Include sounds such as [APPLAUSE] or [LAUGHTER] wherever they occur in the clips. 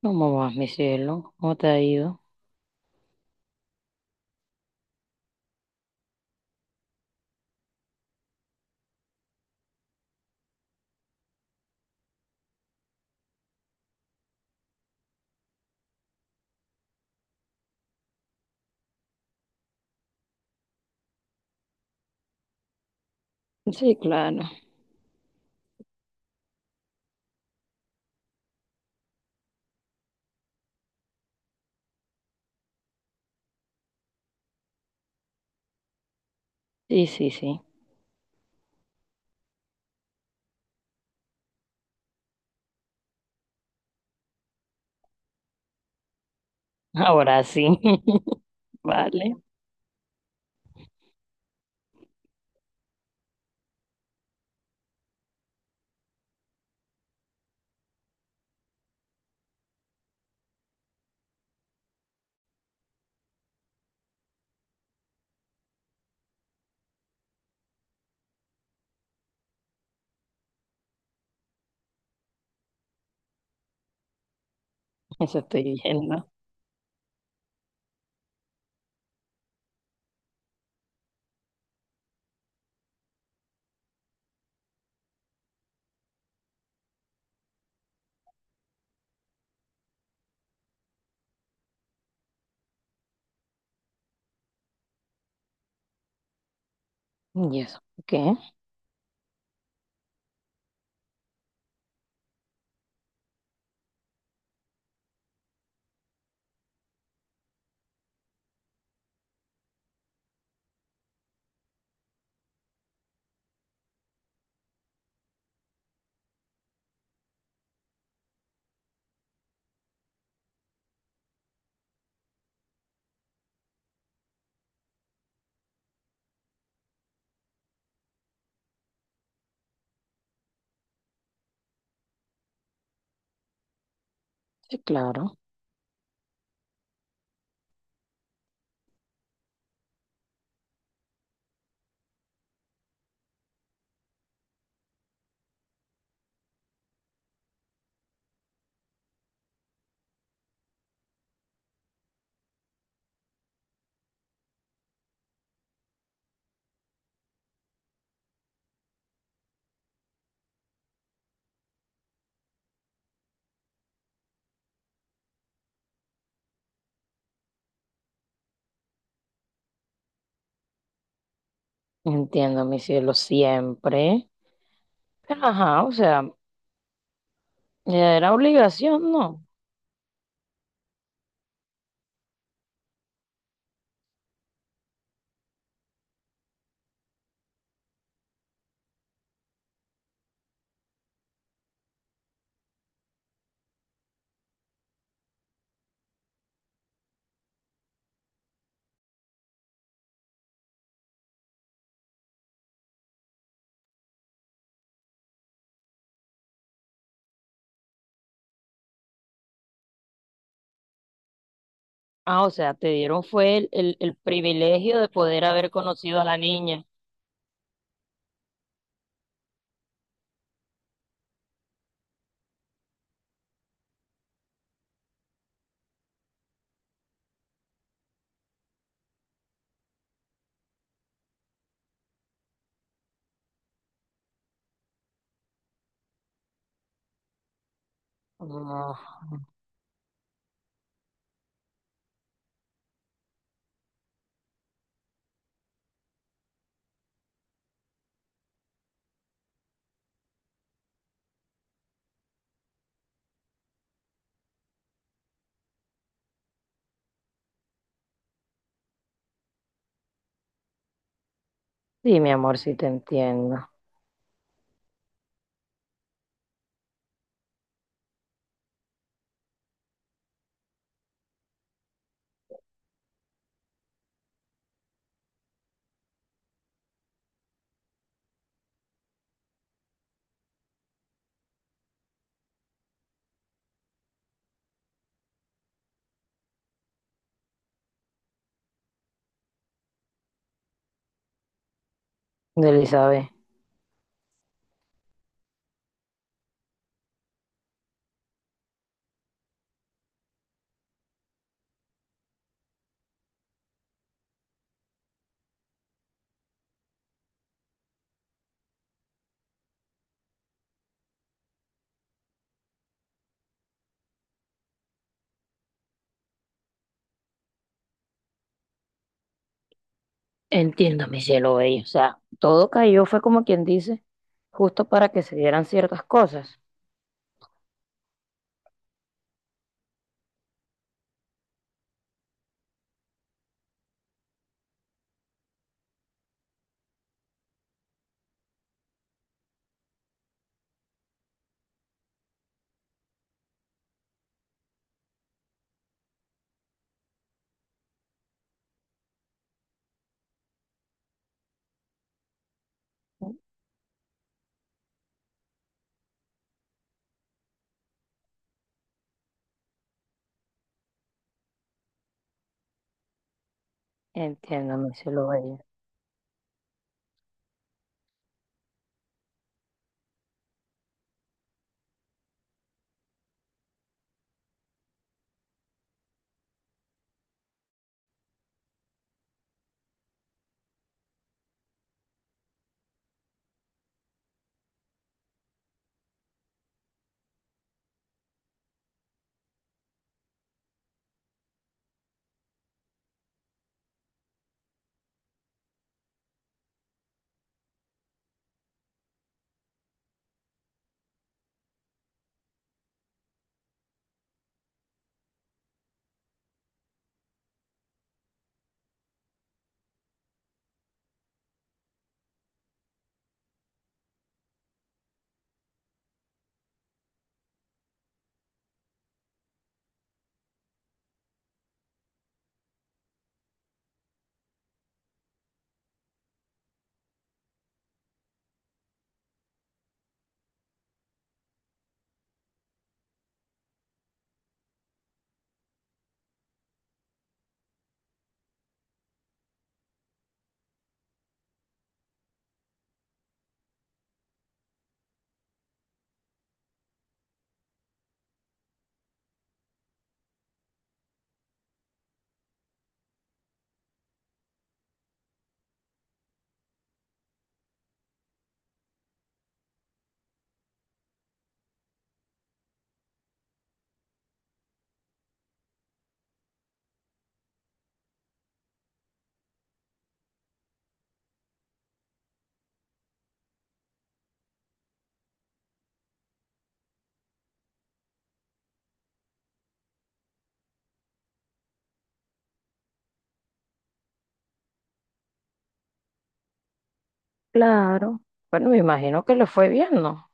¿Cómo vas, mi cielo? ¿Cómo te ha ido? Sí, claro. Sí, sí, sí. Ahora sí. [LAUGHS] Vale. Eso estoy viendo. ¿Y eso? ¿Por qué? Sí, claro. Entiendo, mi cielo, siempre. Pero, ajá, o sea, era obligación, ¿no? Ah, o sea, te dieron fue el privilegio de poder haber conocido a la niña. Ah, sí, mi amor, sí te entiendo. Elizabeth. Entiendo, mi cielo bello. O sea, todo cayó, fue como quien dice, justo para que se dieran ciertas cosas. Entiendo, mi cielo bello. Claro. Bueno, me imagino que le fue bien, ¿no?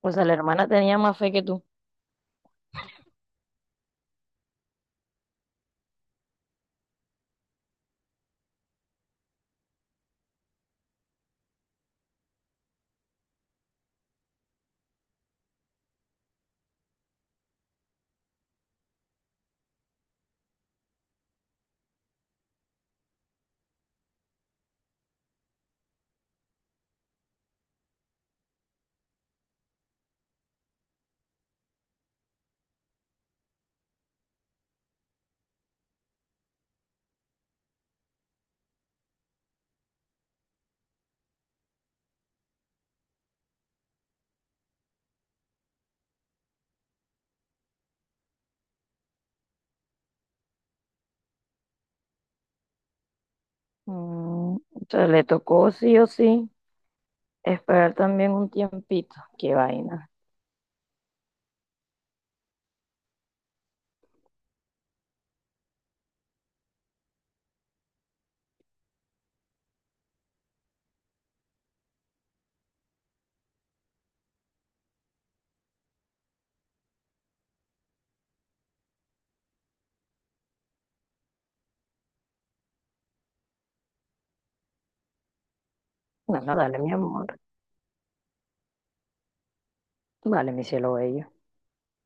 O sea, la hermana tenía más fe que tú. Mm, o sea, le tocó sí o sí esperar también un tiempito. Qué vaina. Bueno, dale, mi amor. Vale, mi cielo bello.